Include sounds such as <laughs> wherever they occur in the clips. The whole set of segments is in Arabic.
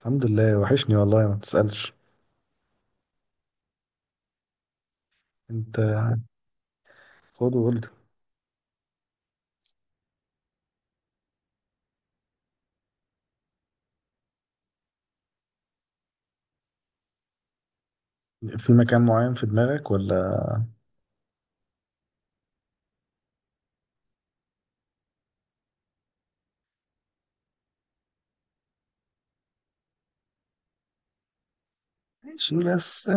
الحمد لله، وحشني والله ما بتسألش. انت خد وقول لي، في مكان معين في دماغك ولا؟ ماشي، بس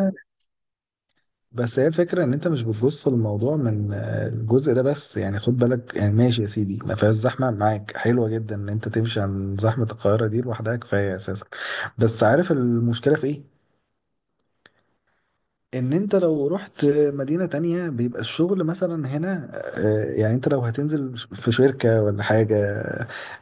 بس هي الفكرة ان انت مش بتبص للموضوع من الجزء ده بس، يعني خد بالك، يعني ماشي يا سيدي ما فيهاش زحمة، معاك، حلوة جدا ان انت تمشي عن زحمة القاهرة دي لوحدها كفاية اساسا. بس عارف المشكلة في ايه؟ ان انت لو رحت مدينة تانية بيبقى الشغل مثلا هنا. يعني انت لو هتنزل في شركة ولا حاجة،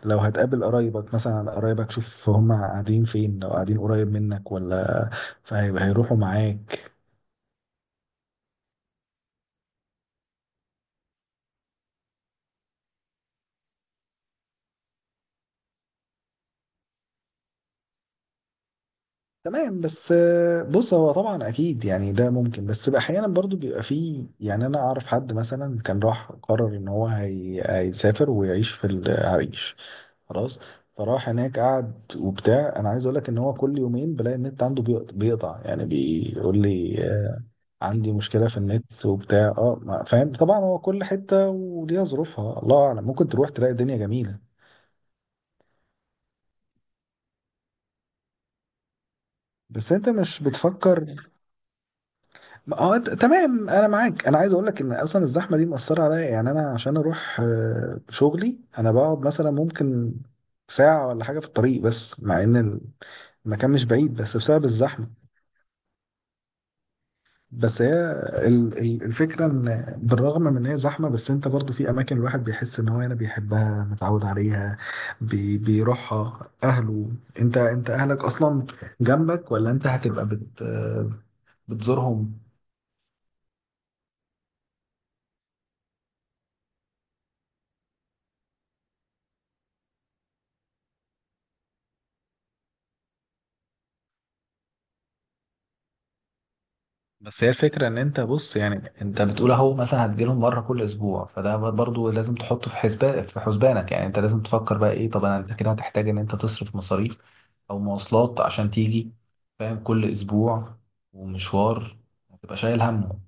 لو هتقابل قرايبك مثلا، قرايبك شوف هم قاعدين فين، لو قاعدين قريب منك ولا فهيبقى هيروحوا معاك. تمام، بس بص هو طبعا اكيد يعني ده ممكن، بس بقى احيانا برضو بيبقى فيه، يعني انا اعرف حد مثلا كان راح قرر ان هو هيسافر ويعيش في العريش خلاص. فراح هناك قعد وبتاع، انا عايز اقول لك ان هو كل يومين بلاقي النت عنده بيقطع، يعني بيقول لي عندي مشكله في النت وبتاع، اه فاهم طبعا. هو كل حته وليها ظروفها، الله اعلم ممكن تروح تلاقي الدنيا جميله. بس انت مش بتفكر. اه تمام انا معاك، انا عايز اقول لك ان اصلا الزحمه دي مأثره عليا، يعني انا عشان اروح شغلي انا بقعد مثلا ممكن ساعه ولا حاجه في الطريق، بس مع ان المكان مش بعيد بس بسبب الزحمه. بس هي الفكرة ان بالرغم من ان هي زحمة، بس انت برضو في اماكن الواحد بيحس ان هو هنا بيحبها، متعود عليها، بيروحها اهله. انت، انت اهلك اصلا جنبك، ولا انت هتبقى بتزورهم؟ بس هي الفكرة ان انت بص، يعني انت بتقول اهو مثلا هتجيلهم مرة كل اسبوع، فده برضو لازم تحطه في حسبان، في حسبانك، يعني انت لازم تفكر بقى ايه. طب انا، انت كده هتحتاج ان انت تصرف مصاريف او مواصلات عشان تيجي، فاهم، كل اسبوع، ومشوار، هتبقى شايل همه.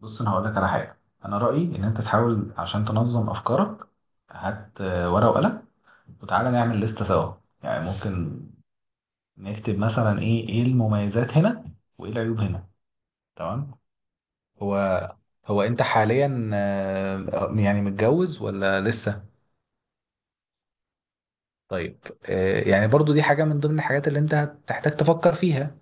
بص انا هقولك على حاجة. انا رأيي ان انت تحاول عشان تنظم افكارك. هات ورقة وقلم، وتعالى نعمل لستة سوا. يعني ممكن نكتب مثلا ايه ايه المميزات هنا، وايه العيوب هنا. تمام. هو هو انت حاليا يعني متجوز ولا لسه؟ طيب، يعني برضو دي حاجة من ضمن الحاجات اللي انت هتحتاج تفكر فيها.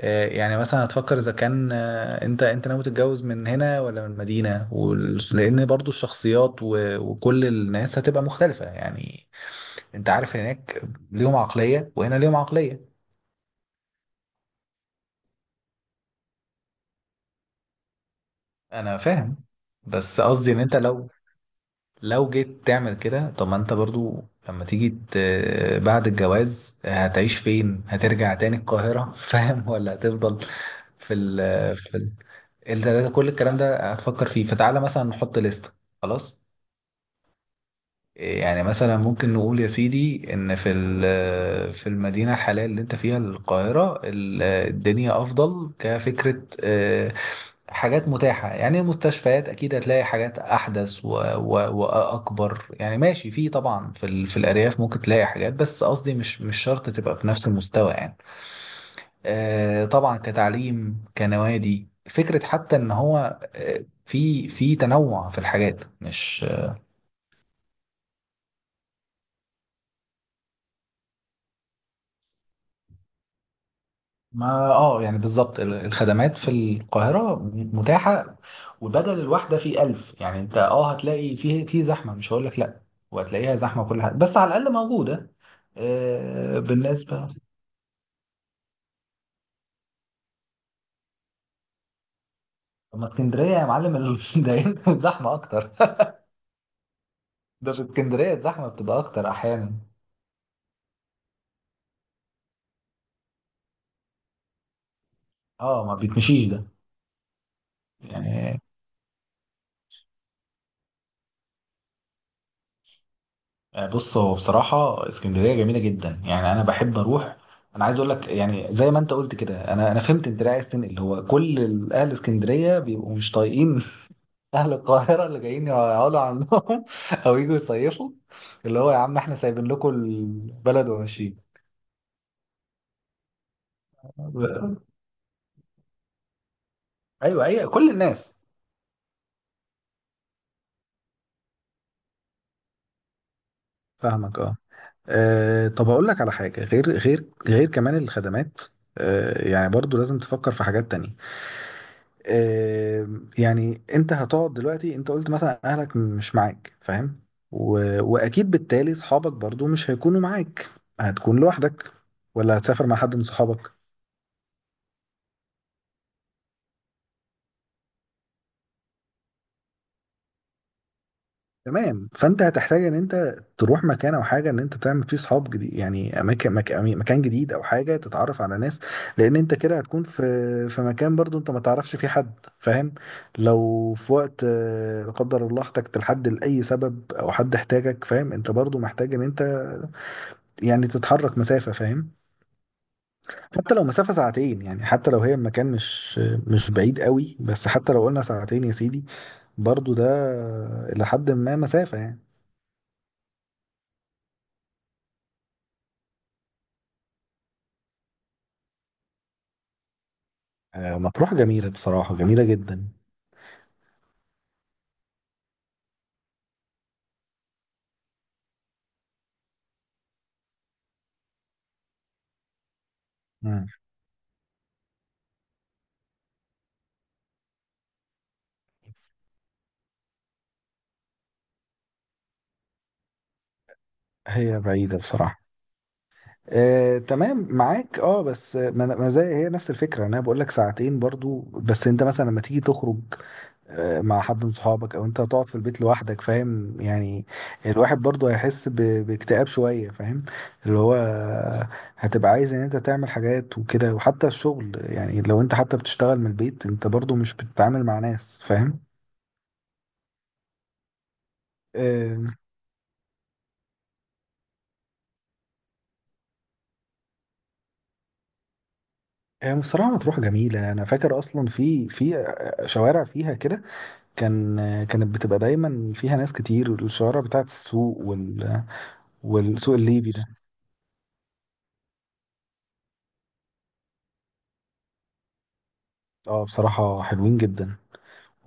يعني مثلا هتفكر اذا كان انت ناوي تتجوز من هنا ولا من المدينة، لان برضو الشخصيات وكل الناس هتبقى مختلفة يعني. انت عارف هناك ليهم عقلية، وهنا ليهم عقلية. انا فاهم، بس قصدي ان انت لو، لو جيت تعمل كده، طب ما انت برضو لما تيجي بعد الجواز هتعيش فين؟ هترجع تاني القاهرة؟ <laughs> فاهم، ولا هتفضل في ال، في ال، كل الكلام ده هتفكر فيه، فتعالى مثلا نحط لستة خلاص. يعني مثلا ممكن نقول يا سيدي ان في في المدينه الحاليه اللي انت فيها القاهره، الدنيا افضل كفكره، حاجات متاحه يعني، المستشفيات اكيد هتلاقي حاجات احدث واكبر يعني. ماشي، في طبعا في في الارياف ممكن تلاقي حاجات، بس قصدي مش شرط تبقى في نفس المستوى يعني. طبعا كتعليم، كنوادي، فكره حتى ان هو في تنوع في الحاجات مش... ما اه يعني بالظبط الخدمات في القاهرة متاحة، وبدل الواحدة في ألف يعني، انت اه هتلاقي فيه في زحمة، مش هقول لك لا، وهتلاقيها زحمة كل حاجة، بس على الأقل موجودة. آه بالنسبة، اما اسكندرية يا معلم <laughs> ده هنا زحمة أكتر. <laughs> ده في اسكندرية الزحمة بتبقى أكتر أحيانا. اه ما بيتمشيش ده يعني. بص هو بصراحة اسكندرية جميلة جدا، يعني أنا بحب أروح. أنا عايز أقول لك، يعني زي ما أنت قلت كده، أنا فهمت أنت ليه عايز تنقل، هو كل أهل اسكندرية بيبقوا مش طايقين <laughs> أهل القاهرة اللي جايين يقعدوا عندهم <laughs> أو يجوا يصيفوا، اللي هو يا عم إحنا سايبين لكم البلد وماشيين. ب- أيوه أيوه كل الناس. فاهمك أه. طب أقول لك على حاجة، غير كمان الخدمات، يعني برضو لازم تفكر في حاجات تانية. يعني انت هتقعد دلوقتي، انت قلت مثلا اهلك مش معاك، فاهم، و... واكيد بالتالي صحابك برضو مش هيكونوا معاك، هتكون لوحدك، ولا هتسافر مع حد من صحابك؟ تمام، فانت هتحتاج ان انت تروح مكان او حاجه ان انت تعمل فيه صحاب جديد، يعني اماكن، مكان جديد او حاجه تتعرف على ناس، لان انت كده هتكون في، في مكان برضو انت ما تعرفش فيه حد، فاهم. لو في وقت، لا قدر الله، احتجت لحد لاي سبب او حد احتاجك، فاهم، انت برضو محتاج ان انت يعني تتحرك مسافة، فاهم. حتى لو مسافة ساعتين، يعني حتى لو هي المكان مش بعيد قوي، بس حتى لو قلنا ساعتين يا سيدي، برضو ده إلى حد ما مسافة يعني. مطروح جميلة بصراحة، جميلة جدا. مم. هي بعيدة بصراحة. تمام معاك، اه، بس ما زي، هي نفس الفكرة، انا بقول لك ساعتين برضو، بس انت مثلا لما تيجي تخرج مع حد من صحابك، او انت هتقعد في البيت لوحدك، فاهم، يعني الواحد برضه هيحس باكتئاب شوية، فاهم، اللي هو هتبقى عايز ان انت تعمل حاجات وكده، وحتى الشغل يعني لو انت حتى بتشتغل من البيت، انت برضه مش بتتعامل مع ناس، فاهم. آه، هي بصراحة مطروح جميلة، أنا فاكر أصلا في، في شوارع فيها كده، كان، كانت بتبقى دايما فيها ناس كتير، الشوارع بتاعت السوق، والسوق الليبي ده. اه بصراحة حلوين جدا.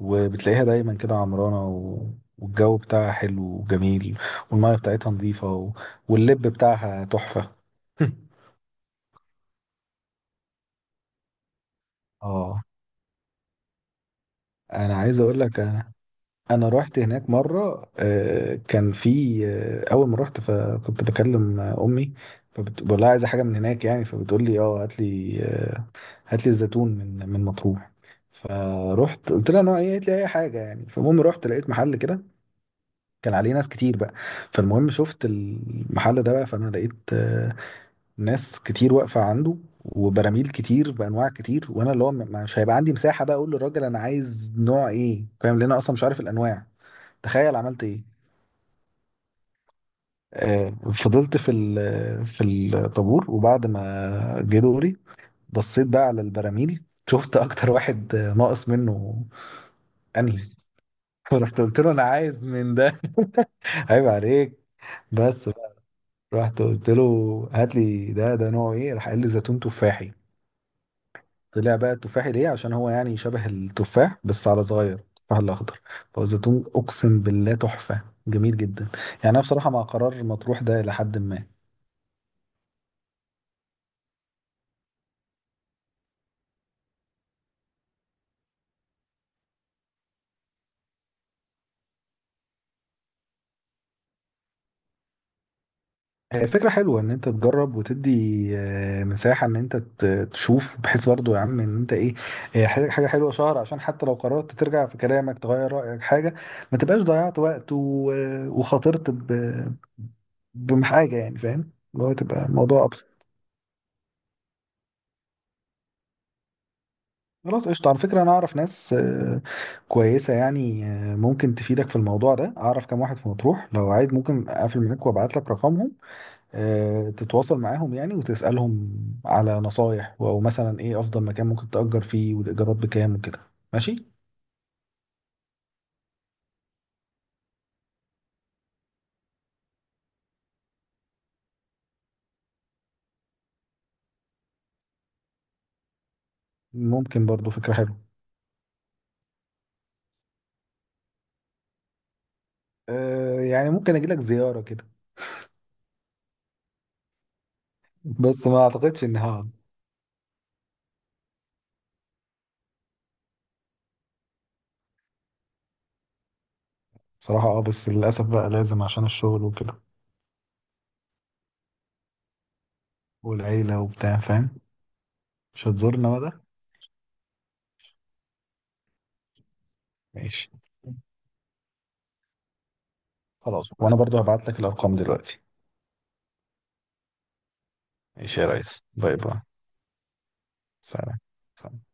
وبتلاقيها دايما كده عمرانة، والجو بتاعها حلو وجميل، والمية بتاعتها نظيفة، واللب بتاعها تحفة. <laughs> اه انا عايز اقول لك، انا رحت هناك مره، كان في، اول ما رحت فكنت بكلم امي، فبقول لها عايزه حاجه من هناك يعني، فبتقول لي اه هات لي هات لي الزيتون من مطروح. فروحت قلت لها نوع ايه، قالت لي اي حاجه يعني. فالمهم رحت لقيت محل كده، كان عليه ناس كتير بقى. فالمهم شفت المحل ده بقى، فانا لقيت ناس كتير واقفه عنده، وبراميل كتير بانواع كتير، وانا اللي هو مش هيبقى عندي مساحه بقى اقول للراجل انا عايز نوع ايه، فاهم، لان انا اصلا مش عارف الانواع. تخيل عملت ايه؟ آه، فضلت في في الطابور، وبعد ما جه دوري بصيت بقى على البراميل، شفت اكتر واحد ناقص منه، انهي. <laughs> فرحت قلت له انا عايز من ده. <laughs> عيب عليك. بس رحت قلت له هات لي ده، ده نوع ايه، راح قال لي زيتون تفاحي. طلع بقى التفاحي ليه؟ عشان هو يعني شبه التفاح، بس على صغير، التفاح الاخضر. فهو زيتون اقسم بالله تحفه، جميل جدا. يعني انا بصراحه مع قرار مطروح ده الى حد ما. هي فكرة حلوة إن أنت تجرب، وتدي مساحة إن أنت تشوف، بحيث برضو يا عم إن أنت إيه، حاجة حلوة شهر، عشان حتى لو قررت ترجع في كلامك، تغير رأيك حاجة، ما تبقاش ضيعت وقت وخاطرت بحاجة يعني، فاهم، اللي هو تبقى الموضوع أبسط. خلاص قشطة، على فكرة أنا أعرف ناس كويسة، يعني ممكن تفيدك في الموضوع ده، أعرف كام واحد في مطروح، لو عايز ممكن أقفل معاك وأبعت لك رقمهم، تتواصل معاهم يعني، وتسألهم على نصايح او مثلا ايه افضل مكان ممكن تأجر فيه، والايجارات بكام وكده. ماشي، ممكن برضو فكرة حلوة. يعني ممكن اجي لك زيارة كده، بس ما اعتقدش ان هقعد. بصراحة اه، بس للاسف بقى لازم عشان الشغل وكده، والعيلة وبتاع، فاهم. مش هتزورنا بقى ده؟ ماشي، خلاص، وانا برضو هبعت لك الارقام دلوقتي. ماشي يا ريس، باي باي، سلام سلام.